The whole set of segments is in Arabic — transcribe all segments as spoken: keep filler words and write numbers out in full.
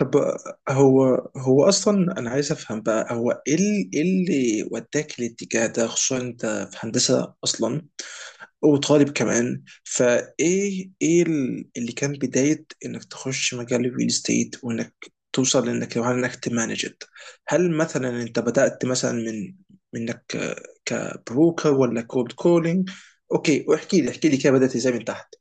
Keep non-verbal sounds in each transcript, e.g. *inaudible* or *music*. طب، هو هو اصلا انا عايز افهم بقى هو ايه ال- إيه اللي وداك الاتجاه ده، خصوصا انت في هندسه اصلا وطالب كمان. فايه ايه ال- اللي كان بدايه انك تخش مجال الريل استيت، وانك توصل لانك لو انك تمانجت؟ هل مثلا انت بدات مثلا من منك كبروكر ولا كولد كولينج؟ اوكي، واحكي لي احكي لي كده بدات ازاي من تحت.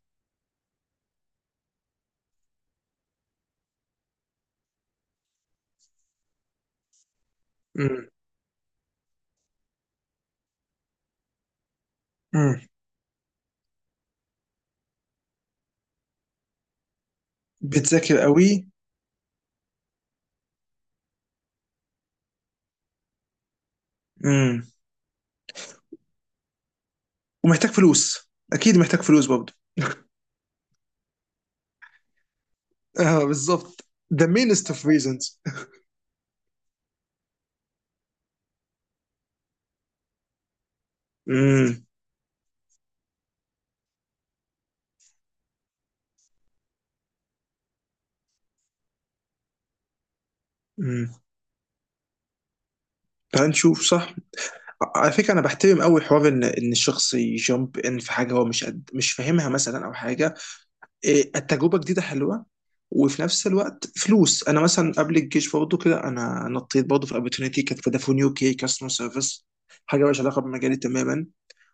امم امم بتذاكر قوي، ومحتاج فلوس اكيد، محتاج فلوس برضه. اه بالظبط، ذا مينست اوف ريزونز. امم امم تعال نشوف صح. على فكره انا بحترم قوي حوار ان ان الشخص يجامب ان في حاجه هو مش قد مش فاهمها مثلا، او حاجه إيه، التجربه جديده حلوه، وفي نفس الوقت فلوس. انا مثلا قبل الجيش برضه كده انا نطيت برضه في اوبورتونيتي، كانت فودافون يو كي كاستمر سيرفيس. حاجه مالهاش علاقه بمجالي تماما.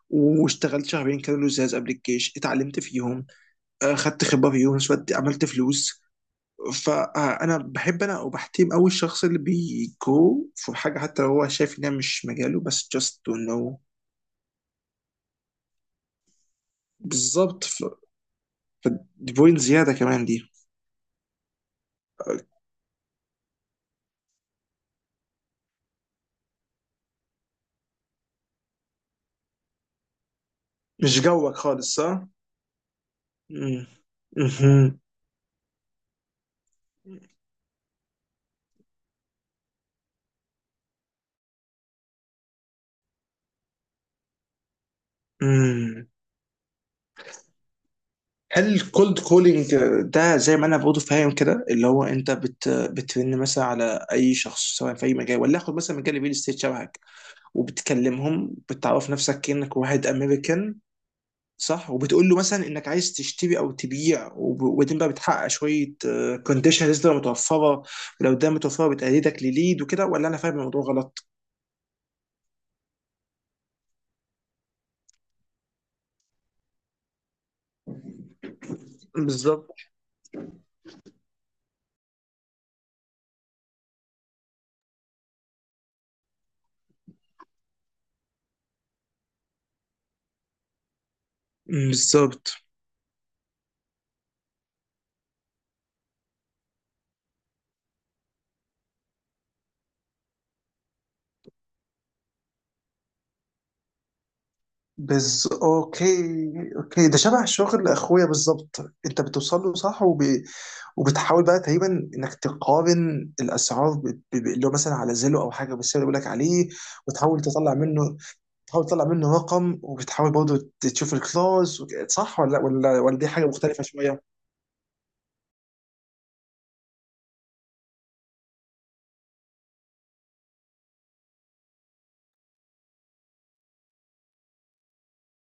واشتغلت شهرين كانوا لزاز قبل الجيش، اتعلمت فيهم آه، خدت خبره فيهم، في نفس الوقت عملت فلوس. فانا بحب انا وبحترم قوي الشخص اللي بيجو في حاجه حتى لو هو شايف انها مش مجاله، بس just to know. بالظبط ف- ف- دي بوينت زياده كمان دي. مش جوك خالص صح؟ مم. مهم. مم. هل الكولد كولينج ده زي ما انا برضه فاهم كده، اللي هو انت بت بترن مثلا على اي شخص سواء في اي مجال، ولا اخد مثلا مجال الريل استيت شبهك، وبتكلمهم بتعرف نفسك كانك واحد امريكان، صح؟ وبتقول له مثلا انك عايز تشتري او تبيع، وب- وبعدين بقى بتحقق شويه كونديشنز تبقى متوفره، ولو ده متوفره بتأيدك لليد وكده. ولا انا فاهم الموضوع غلط؟ بالظبط بالظبط بز اوكي. اوكي، ده شبه شغل اخويا بالظبط. انت بتوصل له صح وب... وبتحاول بقى تقريبا انك تقارن الاسعار ب... ب... ب- اللي هو مثلا على زيلو او حاجه، بالسعر اللي بيقول لك عليه. وتحاول تطلع منه، تحاول تطلع منه رقم، وبتحاول برضه تشوف الكلاوز وك- صح، ولا ولا ولا دي حاجه مختلفه شويه؟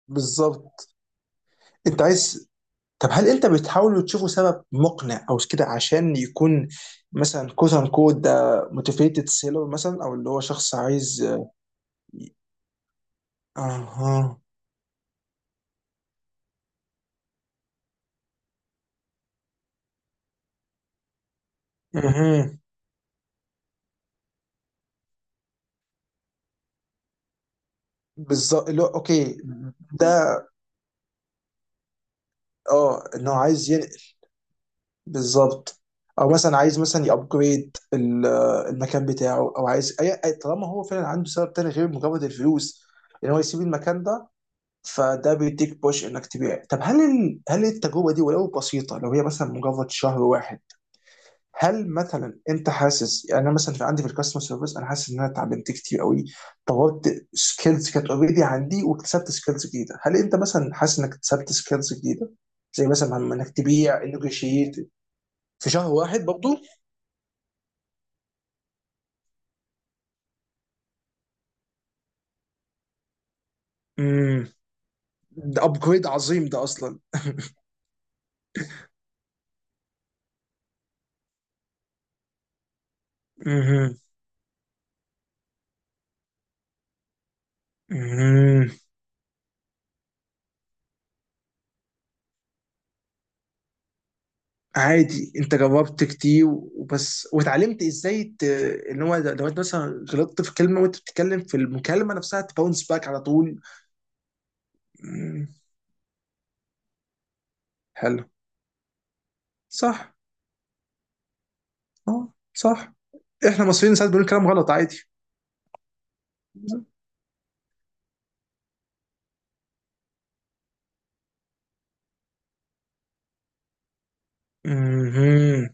بالظبط. انت عايز، طب هل انت بتحاولوا تشوفوا سبب مقنع او كده، عشان يكون مثلا كوت ان كود ده موتيفيتد سيلر مثلا، او اللي هو شخص عايز. اها. اها بالظبط، اللي هو اوكي. ده اه ان هو عايز ين... بالظبط. او مثلا عايز مثلا يابجريد المكان بتاعه، او عايز أي أي- طالما هو فعلا عنده سبب تاني غير مجرد الفلوس ان هو يسيب المكان ده، فده بيديك بوش انك تبيع. طب هل ال... هل التجربه دي ولو بسيطه، لو هي مثلا مجرد شهر واحد، هل مثلا انت حاسس، يعني انا مثلا في عندي في الكاستمر سيرفيس انا حاسس ان انا اتعلمت كتير قوي، طورت سكيلز كانت اوريدي عندي، واكتسبت سكيلز جديده، هل انت مثلا حاسس انك اكتسبت سكيلز جديده زي مثلا انك تبيع، نيجوشيت، في شهر واحد برضه؟ امم. ده ابجريد عظيم ده اصلا. امم امم عادي، انت جربت كتير وبس واتعلمت ازاي ت... ان هو لو انت مثلا غلطت في كلمه وانت بتتكلم في المكالمه نفسها تباونس باك على طول. أمم. حلو. صح. اه صح، احنا مصريين ساعات بنقول كلام غلط عادي. أمم.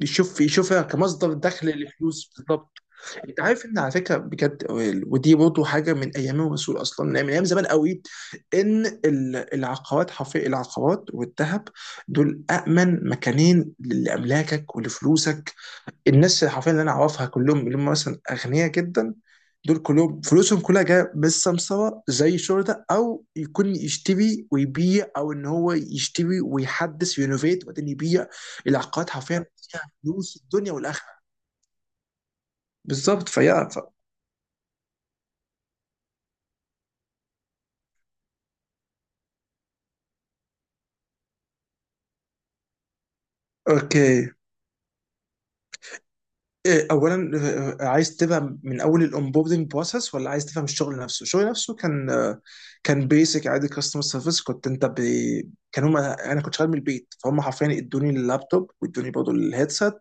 يشوف، يشوفها كمصدر دخل للفلوس بالضبط. انت عارف ان على فكره بجد، ودي برضه حاجه من ايام الرسول اصلا، من ايام زمان قوي، ان ال- العقارات، حرفيا العقارات والذهب، دول امن مكانين لاملاكك ولفلوسك. الناس حرفيا اللي انا اعرفها كلهم اللي هم مثلا اغنياء جدا، دول كلهم فلوسهم كلها جايه بالسمسره، زي الشرطه، او يكون يشتري ويبيع، او ان هو يشتري ويحدث وينوفيت وبعدين يبيع. العقارات حرفيا فيها فلوس الدنيا والاخره. بالظبط، فيا ف... اوكي. إيه، اولا آه، عايز تفهم من اول الاونبوردنج بروسس، ولا عايز تفهم الشغل نفسه؟ الشغل نفسه كان آه، كان بيسك عادي كاستمر سيرفيس. كنت انت ب... كان هم، انا كنت شغال من البيت، فهم حرفيا ادوني اللابتوب وادوني برضه الهيدسيت،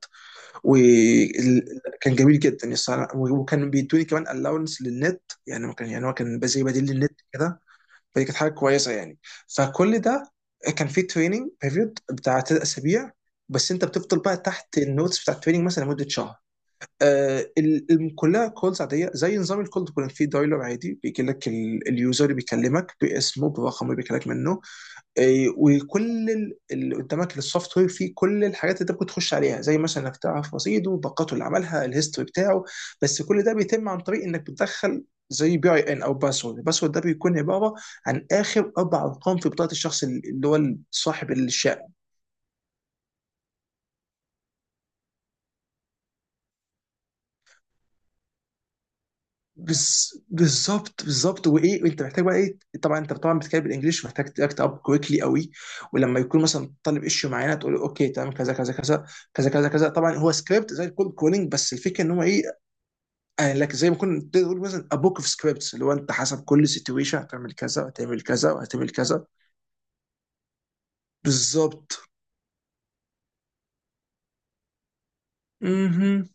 وكان جميل جدا الصراحة. وكان بيدوني كمان الاونس للنت، يعني ما كان، يعني هو كان زي بديل للنت كده، فدي كانت حاجه كويسه يعني. فكل ده كان فيه تريننج بيريود بتاع ثلاث اسابيع، بس انت بتفضل بقى تحت النوتس بتاع التريننج مثلا لمده شهر. آه، ال- الم- كلها كولز عاديه زي نظام الكولد كولينج، في دايلر عادي بيجي لك ال- اليوزر اللي بيكلمك باسمه برقم اللي بيكلمك منه. آه، وكل ال- اللي قدامك السوفت وير فيه كل الحاجات اللي انت ممكن تخش عليها، زي مثلا انك تعرف رصيده، باقاته، اللي عملها، الهيستوري بتاعه. بس كل ده بيتم عن طريق انك بتدخل زي بي اي ان او باسورد، الباسورد ده بيكون عباره عن اخر اربع ارقام في بطاقه الشخص اللي هو صاحب الشقه. بس. بالظبط بالظبط وايه، وانت محتاج بقى ايه، طبعا انت طبعا بتتكلم بالانجلش، محتاج تاكت اب كويكلي قوي. ولما يكون مثلا طالب ايشيو معينه تقول له اوكي تمام، كذا كذا كذا كذا كذا كذا. طبعا هو سكريبت زي الكول كولينج، بس الفكره ان هو ايه آه، لك زي ما كنت تقول مثلا ابوك اوف سكريبتس، اللي هو انت حسب كل سيتويشن هتعمل كذا، وهتعمل كذا، وهتعمل كذا. بالظبط. مهم.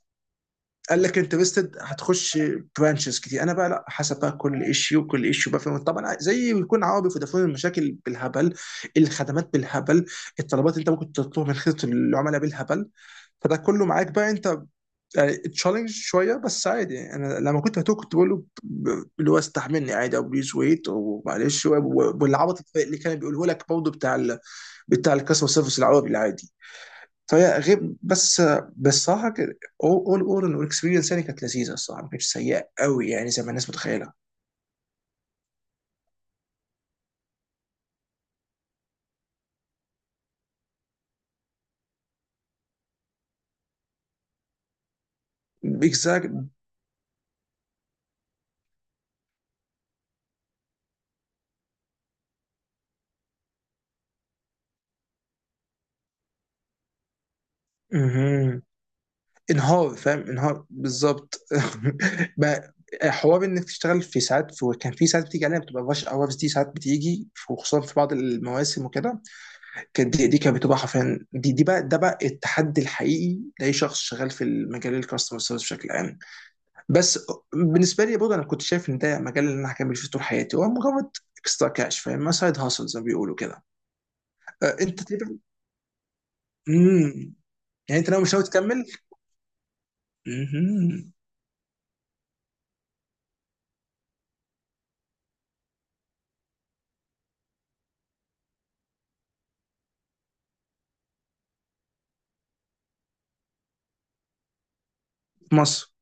قال لك انترستد هتخش برانشز كتير. انا بقى لا، حسب بقى كل ايشيو، كل ايشيو بقى فاهم. طبعا زي بيكون عربي فودافون، المشاكل بالهبل، الخدمات بالهبل، الطلبات اللي انت ممكن تطلبها من خدمه العملاء بالهبل، فده كله معاك بقى انت. تشالنج شويه بس عادي يعني. انا لما كنت هتوه كنت بقول له ب- ب- اللي هو استحملني عادي، او بليز ويت ومعلش، و- والعبط اللي كان بيقوله لك برضه بتاع ال... بتاع الكاستمر سيرفيس العربي العادي. فهي غير بس. بس صراحه كده، اول اول انه الاكسبيرينس يعني كانت لذيذه الصراحه، ما كانتش سيئه قوي يعني زي ما الناس متخيله. اكزاكت. انهار، فاهم، انهار بالظبط. *laughs* ما- حوار انك تشتغل في ساعات، في كان في ساعات بتيجي علينا بتبقى رش اورز، دي ساعات بتيجي وخصوصا في بعض المواسم وكده، كانت دي, دي كانت بتبقى حرفيا، دي دي بقى، ده بقى التحدي الحقيقي لاي شخص شغال في المجال، الكاستمر سيرفيس بشكل عام. بس بالنسبه لي برضه انا كنت شايف ان ده مجال اللي انا هكمل فيه طول حياتي، هو مجرد اكسترا كاش، فاهم، سايد هاسل زي ما بيقولوا كده. آه، انت تقريبا امم، يعني انت ناوي مش ناوي تكمل؟ مهم. في مصر.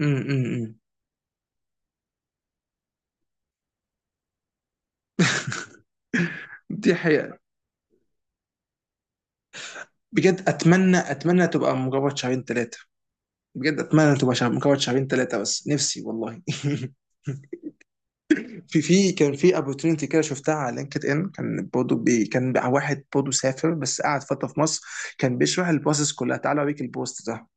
امم امم دي حقيقة. بجد أتمنى، أتمنى تبقى مجرد شهرين ثلاثة. بجد أتمنى تبقى شهر، مجرد شهرين ثلاثة بس، نفسي والله. *laughs* في في كان في opportunity كده شفتها على لينكد ان، كان برضه بي كان واحد برضه سافر بس قعد فتره في مصر، كان بيشرح البروسيس كلها. تعالى اوريك البوست ده.